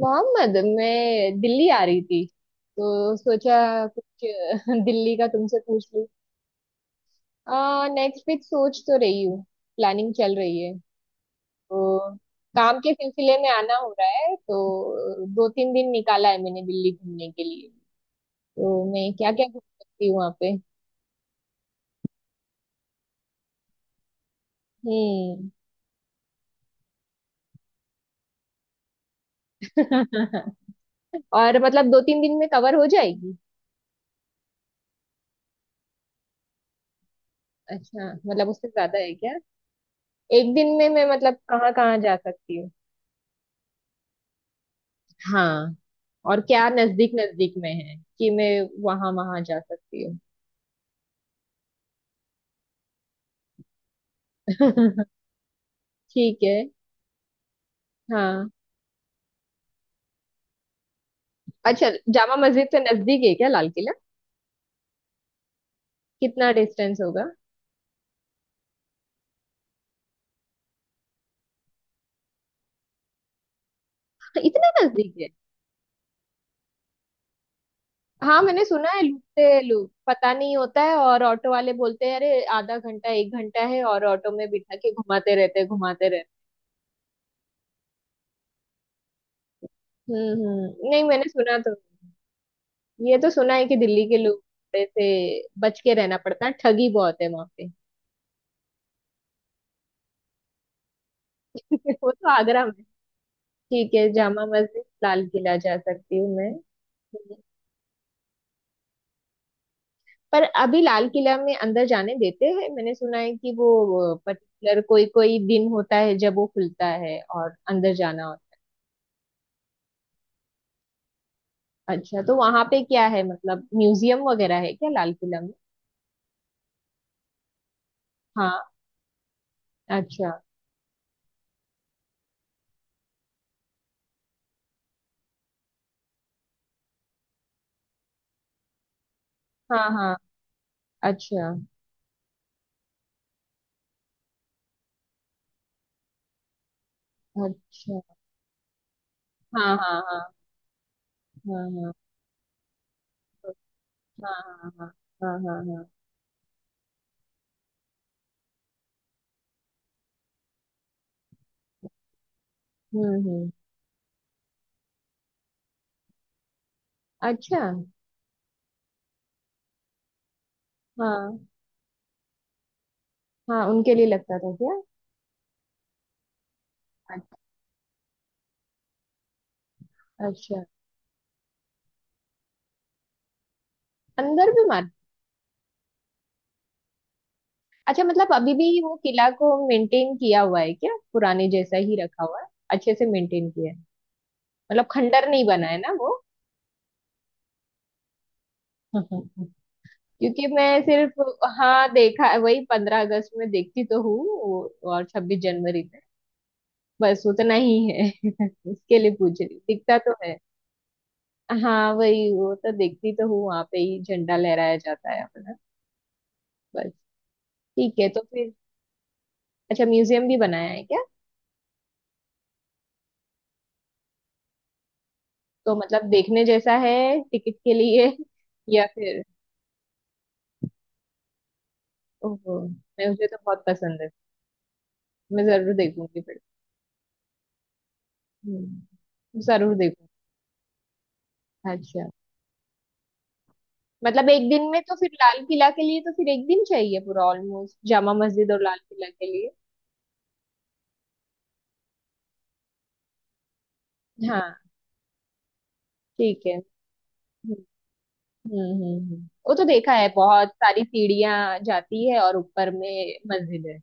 मोहम्मद, मैं दिल्ली आ रही थी तो सोचा कुछ दिल्ली का तुमसे पूछ लूं। आ नेक्स्ट वीक सोच तो रही हूँ, प्लानिंग चल रही है तो। काम के सिलसिले में आना हो रहा है, तो दो तीन दिन निकाला है मैंने दिल्ली घूमने के लिए। तो मैं क्या क्या घूम सकती हूँ वहाँ पे? हम्म। और मतलब दो तीन दिन में कवर हो जाएगी? अच्छा, मतलब उससे ज्यादा है क्या? एक दिन में मैं मतलब कहाँ कहाँ जा सकती हूँ? हाँ। और क्या नजदीक नजदीक में है कि मैं वहां वहां जा सकती हूँ? ठीक है। हाँ। अच्छा, जामा मस्जिद से नजदीक है क्या लाल किला? कितना डिस्टेंस होगा? हाँ, इतना नजदीक है। हाँ, मैंने सुना है लूटते लूट पता नहीं होता है, और ऑटो वाले बोलते हैं अरे आधा घंटा एक घंटा है, और ऑटो में बिठा के घुमाते रहते हैं घुमाते रहते हैं। हम्म, नहीं मैंने सुना तो। ये तो सुना है कि दिल्ली के लोग से बच के रहना पड़ता है, ठगी बहुत है वहां पे। वो तो आगरा में। ठीक है, जामा मस्जिद लाल किला जा सकती हूँ मैं। हम्म। पर अभी लाल किला में अंदर जाने देते हैं? मैंने सुना है कि वो पर्टिकुलर कोई कोई दिन होता है जब वो खुलता है और अंदर जाना होता है। अच्छा, तो वहां पे क्या है, मतलब म्यूजियम वगैरह है क्या लाल किला में? हाँ। अच्छा। हाँ हाँ। अच्छा। अच्छा। हाँ हाँ हाँ हाँ हाँ हाँ हाँ हाँ हाँ हाँ हाँ हाँ। हम्म। अच्छा। हाँ हाँ, उनके लिए लगता था क्या? अच्छा। अंदर भी मार। अच्छा, मतलब अभी भी वो किला को मेंटेन किया हुआ है क्या, पुराने जैसा ही रखा हुआ है? अच्छे से मेंटेन किया है। मतलब खंडर नहीं बना है ना वो? क्योंकि मैं सिर्फ हाँ देखा है, वही 15 अगस्त में देखती तो हूँ, और 26 जनवरी में। बस उतना ही है। उसके लिए पूछ रही, दिखता तो है। हाँ वही, वो तो देखती तो हूँ वहां पे ही झंडा लहराया जाता है अपना। बस ठीक है, तो फिर। अच्छा, म्यूजियम भी बनाया है क्या? तो मतलब देखने जैसा है टिकट के लिए? या फिर ओहो। मैं मुझे तो बहुत पसंद है। मैं जरूर देखूंगी फिर। हम्म, जरूर देखूंगी। अच्छा, मतलब एक दिन में तो फिर लाल किला के लिए तो फिर एक दिन चाहिए पूरा ऑलमोस्ट, जामा मस्जिद और लाल किला के लिए। हाँ। ठीक है। हम्म वो तो देखा है, बहुत सारी सीढ़ियां जाती है और ऊपर में मस्जिद है।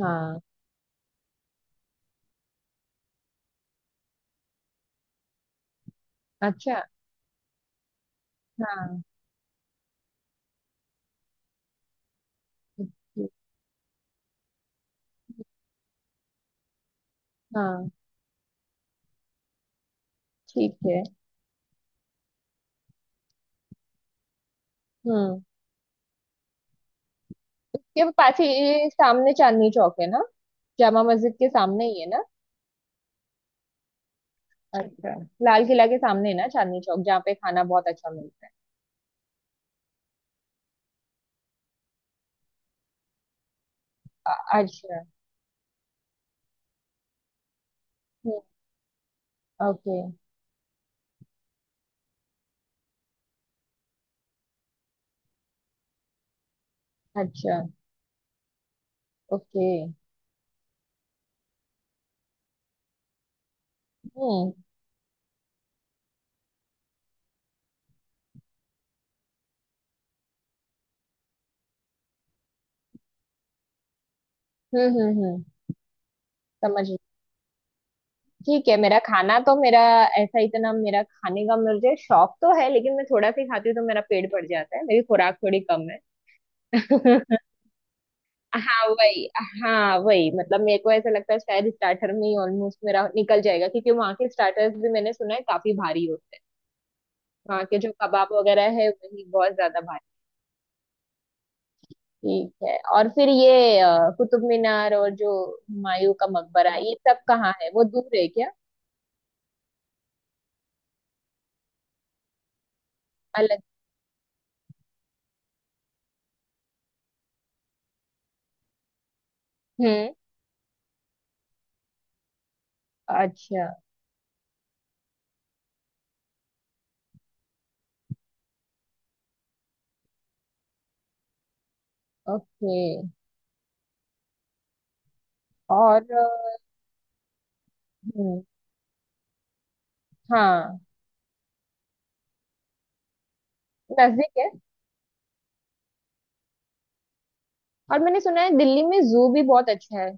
हाँ। अच्छा। हाँ हाँ। ठीक है। हम्म। ये पास ही सामने चांदनी चौक है ना, जामा मस्जिद के सामने ही है ना? अच्छा, लाल किला के सामने है ना चांदनी चौक, जहाँ पे खाना बहुत अच्छा मिलता है। अच्छा। हम्म, ओके। अच्छा, ओके। हम्म हम्म हम्म हम्म, समझ गई। ठीक है, मेरा खाना तो मेरा ऐसा इतना, मेरा खाने का मुझे शौक तो है, लेकिन मैं थोड़ा सा ही खाती हूँ तो मेरा पेट भर जाता है, मेरी खुराक थोड़ी कम है। हाँ वही। हाँ वही, मतलब मेरे को ऐसा लगता है शायद स्टार्टर में ही ऑलमोस्ट मेरा निकल जाएगा, क्योंकि वहाँ के स्टार्टर्स भी मैंने सुना है काफी भारी होते हैं। वहाँ के जो कबाब वगैरह है वही बहुत ज्यादा भारी। ठीक है। और फिर ये कुतुब मीनार, और जो हुमायूं का मकबरा ये सब कहाँ है, वो दूर है क्या? अलग। हम्म। अच्छा। ओके। और हम्म। हाँ, नजदीक है। और मैंने सुना है दिल्ली में जू भी बहुत अच्छा है।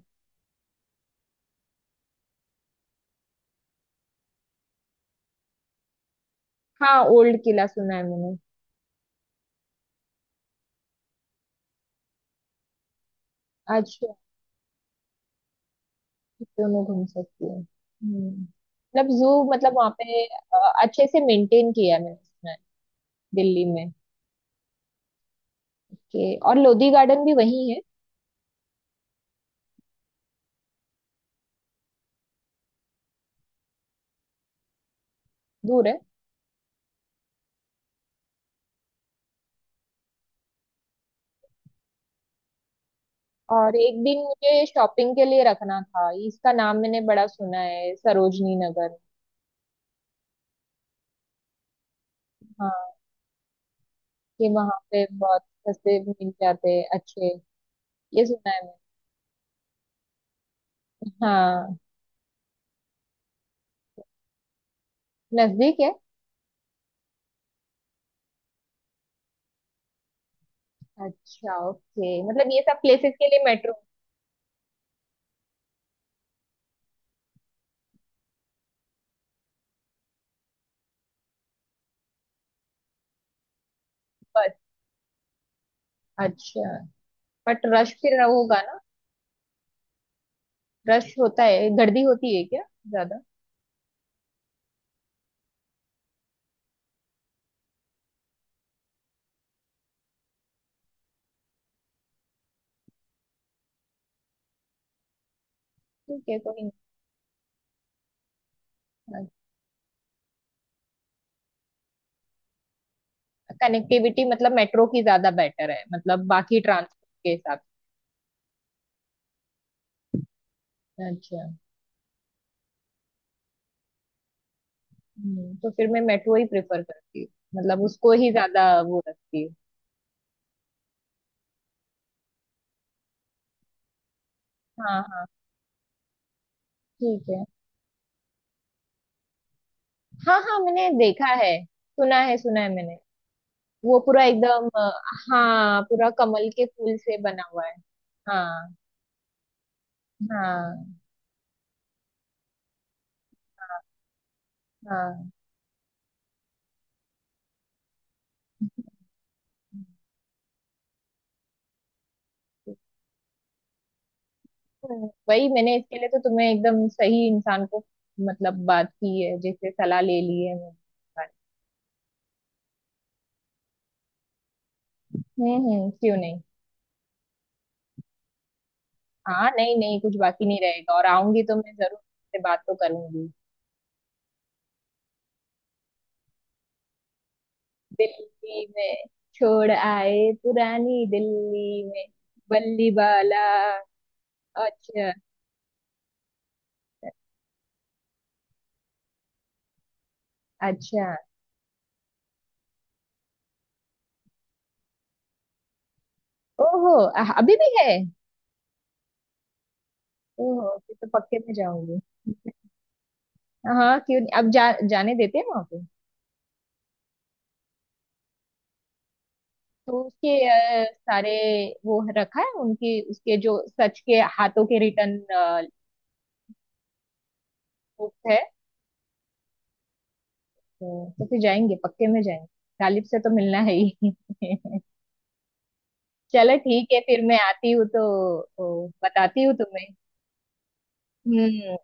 हाँ, ओल्ड किला सुना है मैंने। अच्छा, दोनों घूम सकती हूँ। हम्म। मतलब जू मतलब वहाँ पे अच्छे से मेंटेन किया है मैंने सुना है। दिल्ली में के और लोधी गार्डन भी वही है। दूर है। और एक दिन मुझे शॉपिंग के लिए रखना था, इसका नाम मैंने बड़ा सुना है, सरोजनी नगर। हाँ, कि वहां पे बहुत सस्ते मिल जाते हैं, अच्छे, ये सुना है मैंने। हाँ, नजदीक है। अच्छा, ओके, मतलब ये सब प्लेसेस के लिए मेट्रो। बस। अच्छा, बट रश फिर होगा ना? रश होता है, गर्दी होती है क्या, ज्यादा? ठीक है, कोई नहीं। कनेक्टिविटी मतलब मेट्रो की ज्यादा बेटर है, मतलब बाकी ट्रांसपोर्ट के हिसाब से। अच्छा। तो फिर मैं मेट्रो ही प्रेफर करती हूँ, मतलब उसको ही ज्यादा वो रखती हूँ। हाँ हाँ। ठीक है। हाँ हाँ, मैंने देखा है, सुना है, सुना है मैंने। वो पूरा एकदम हाँ पूरा कमल के फूल से बना हुआ है। हाँ हाँ हाँ। वही मैंने इसके लिए तो तुम्हें एकदम सही इंसान को मतलब बात की है, जैसे सलाह ले ली है मैंने। हम्म, क्यों नहीं। हाँ नहीं नहीं, कुछ बाकी नहीं रहेगा, और आऊंगी तो मैं जरूर से बात तो करूंगी। दिल्ली में छोड़ आए पुरानी दिल्ली में बल्ली बाला। अच्छा। अच्छा। ओहो अभी भी है। ओहो, फिर तो पक्के में जाऊंगी। हाँ, क्यों नहीं, अब जाने देते हैं वहां पे। तो उसके सारे वो रखा है उनकी उसके जो सच के हाथों के रिटर्न बुक है। तो फिर जाएंगे, पक्के में जाएंगे। गालिब से तो मिलना है ही। चलो, ठीक है, फिर मैं आती हूँ तो बताती हूँ तुम्हें। हम्म,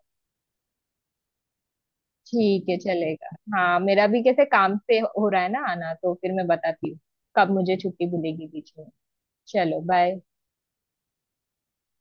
ठीक है, चलेगा। हाँ, मेरा भी कैसे काम से हो रहा है ना आना, तो फिर मैं बताती हूँ कब मुझे छुट्टी मिलेगी बीच में। चलो, बाय।